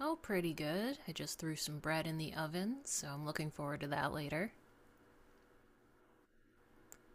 Oh, pretty good. I just threw some bread in the oven, so I'm looking forward to that later.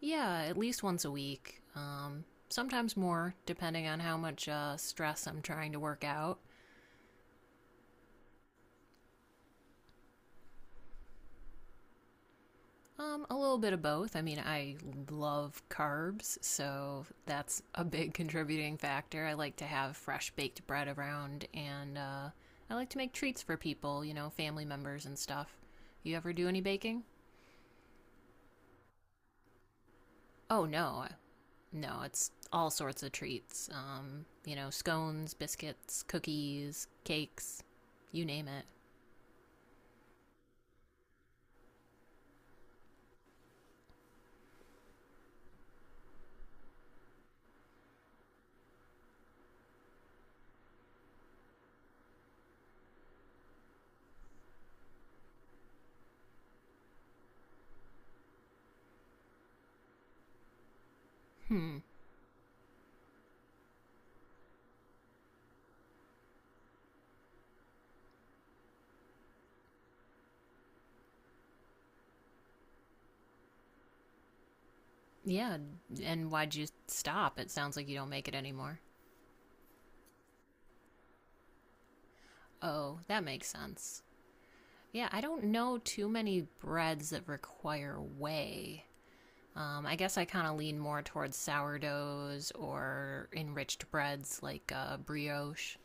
Yeah, at least once a week. Sometimes more, depending on how much stress I'm trying to work out. A little bit of both. I love carbs, so that's a big contributing factor. I like to have fresh baked bread around, and I like to make treats for people, you know, family members and stuff. You ever do any baking? Oh no, no, it's all sorts of treats. You know, scones, biscuits, cookies, cakes, you name it. Hmm. Yeah, and why'd you stop? It sounds like you don't make it anymore. Oh, that makes sense. Yeah, I don't know too many breads that require whey. I guess I kind of lean more towards sourdoughs or enriched breads like brioche.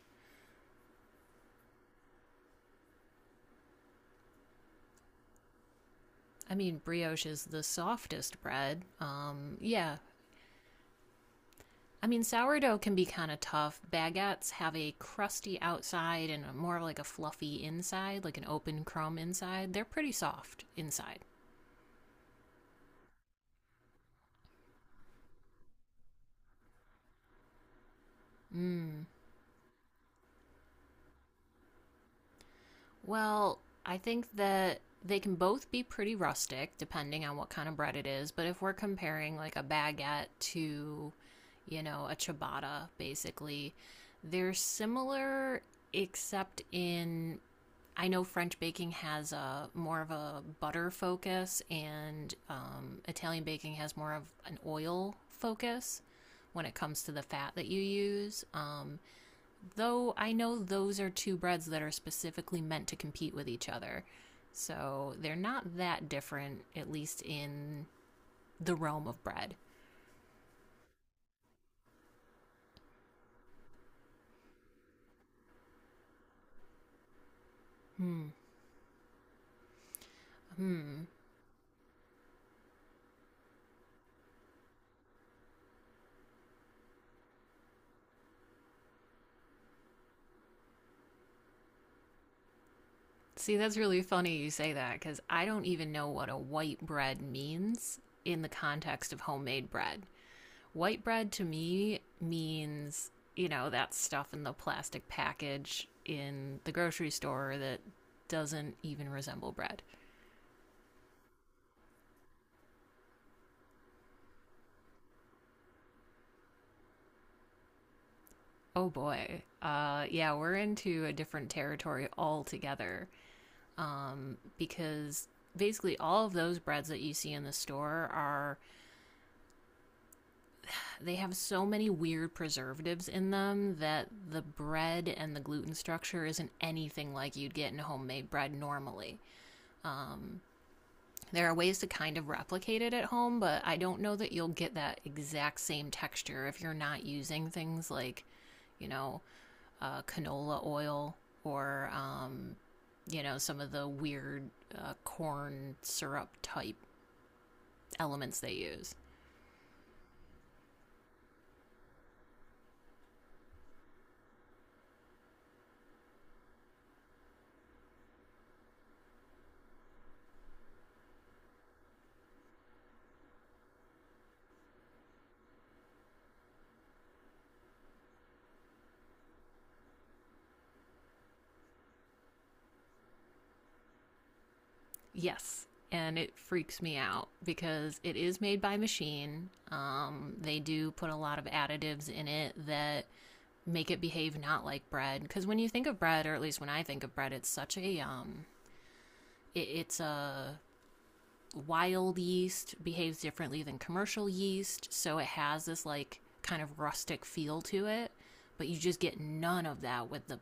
I mean, brioche is the softest bread. Yeah, I mean, sourdough can be kind of tough. Baguettes have a crusty outside and more like a fluffy inside, like an open crumb inside. They're pretty soft inside. Well, I think that they can both be pretty rustic depending on what kind of bread it is, but if we're comparing like a baguette to, you know, a ciabatta, basically, they're similar except in I know French baking has a more of a butter focus, and Italian baking has more of an oil focus when it comes to the fat that you use. Though I know those are two breads that are specifically meant to compete with each other. So they're not that different, at least in the realm of bread. See, that's really funny you say that because I don't even know what a white bread means in the context of homemade bread. White bread to me means, you know, that stuff in the plastic package in the grocery store that doesn't even resemble bread. Oh boy. Yeah, we're into a different territory altogether because basically all of those breads that you see in the store are they have so many weird preservatives in them that the bread and the gluten structure isn't anything like you'd get in homemade bread normally. There are ways to kind of replicate it at home, but I don't know that you'll get that exact same texture if you're not using things like you know, canola oil or you know, some of the weird corn syrup type elements they use. Yes, and it freaks me out because it is made by machine. They do put a lot of additives in it that make it behave not like bread. Because when you think of bread, or at least when I think of bread, it's such a it, it's a wild yeast behaves differently than commercial yeast, so it has this like kind of rustic feel to it, but you just get none of that with the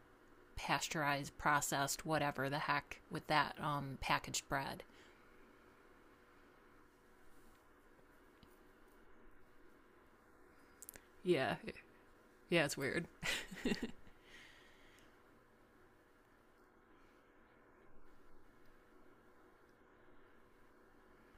pasteurized, processed, whatever the heck with that packaged bread. Yeah. Yeah, it's weird.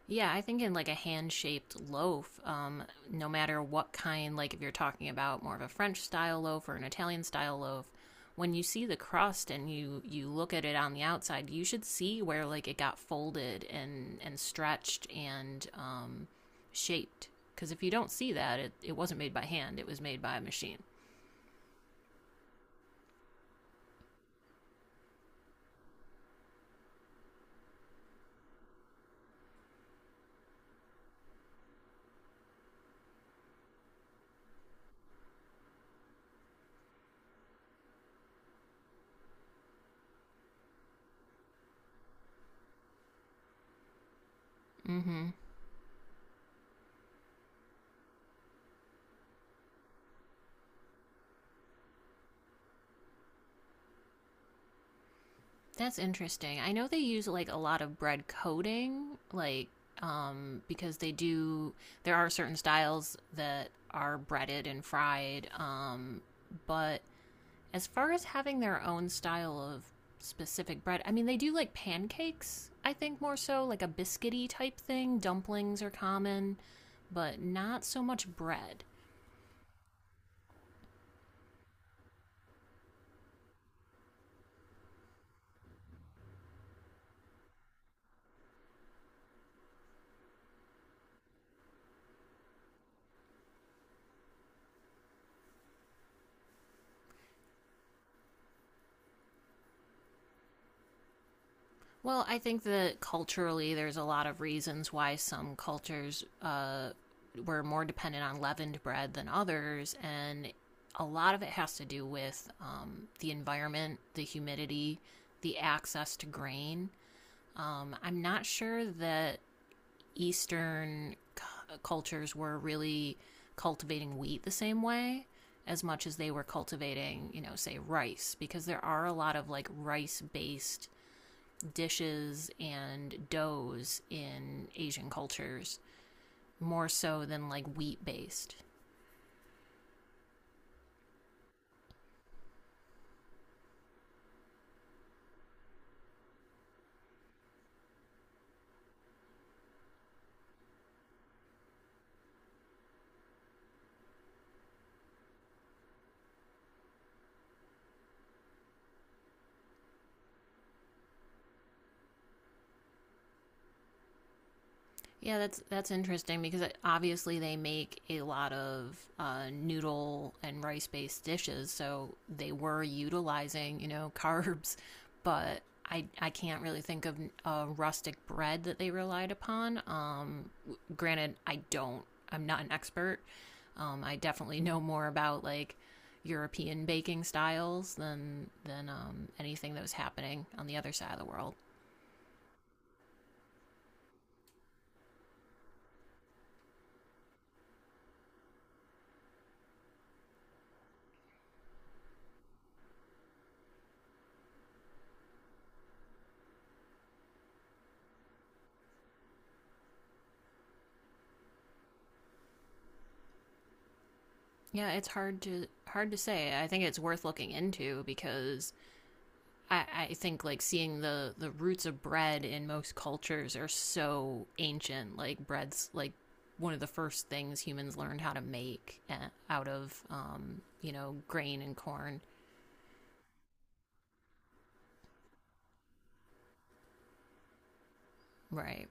Yeah, I think in like a hand-shaped loaf, no matter what kind, like if you're talking about more of a French style loaf or an Italian style loaf, when you see the crust and you look at it on the outside, you should see where like it got folded and stretched and shaped. Because if you don't see that, it wasn't made by hand; it was made by a machine. Mm-hmm. That's interesting. I know they use like a lot of bread coating, like because they do. There are certain styles that are breaded and fried, but as far as having their own style of specific bread, I mean, they do like pancakes. I think more so like a biscuity type thing. Dumplings are common, but not so much bread. Well, I think that culturally, there's a lot of reasons why some cultures were more dependent on leavened bread than others, and a lot of it has to do with the environment, the humidity, the access to grain. I'm not sure that Eastern cultures were really cultivating wheat the same way as much as they were cultivating, you know, say rice, because there are a lot of like rice based dishes and doughs in Asian cultures more so than like wheat based. Yeah, that's interesting because obviously they make a lot of noodle and rice based dishes, so they were utilizing, you know, carbs, but I can't really think of a rustic bread that they relied upon. Granted, I don't. I'm not an expert. I definitely know more about like European baking styles than anything that was happening on the other side of the world. Yeah, it's hard to say. I think it's worth looking into because I think like seeing the roots of bread in most cultures are so ancient. Like bread's like one of the first things humans learned how to make out of you know, grain and corn. Right.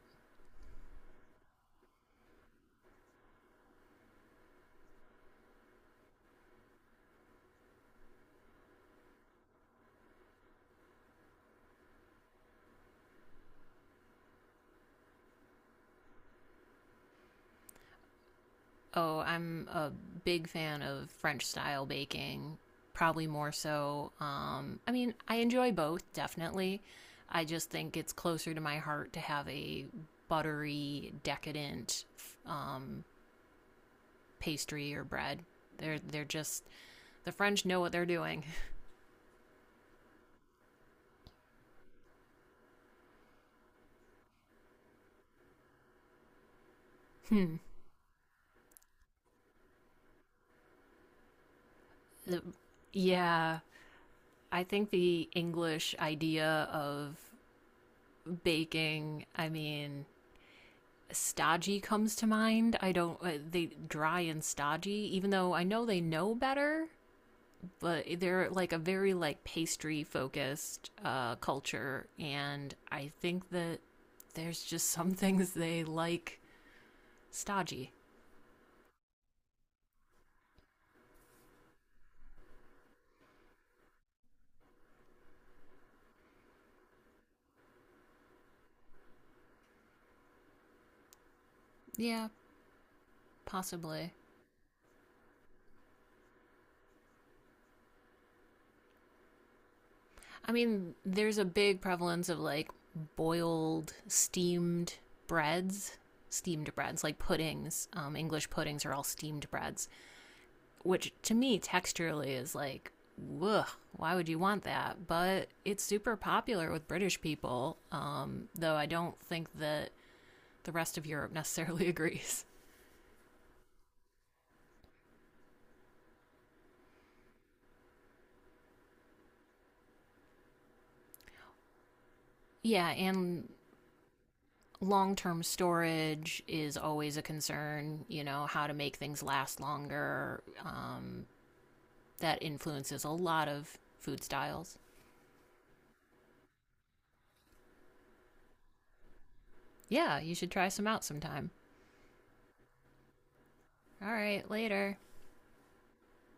Oh, I'm a big fan of French style baking, probably more so. I mean, I enjoy both, definitely. I just think it's closer to my heart to have a buttery, decadent um, pastry or bread. They're just the French know what they're doing. The, yeah, I think the English idea of baking, I mean, stodgy comes to mind. I don't they dry and stodgy, even though I know they know better, but they're like a very like pastry focused culture, and I think that there's just some things they like stodgy. Yeah, possibly. I mean, there's a big prevalence of like boiled, breads, steamed breads like puddings. English puddings are all steamed breads which to me texturally is like ugh, why would you want that? But it's super popular with British people, though I don't think that the rest of Europe necessarily agrees. Yeah, and long term storage is always a concern, you know, how to make things last longer. That influences a lot of food styles. Yeah, you should try some out sometime. All right, later.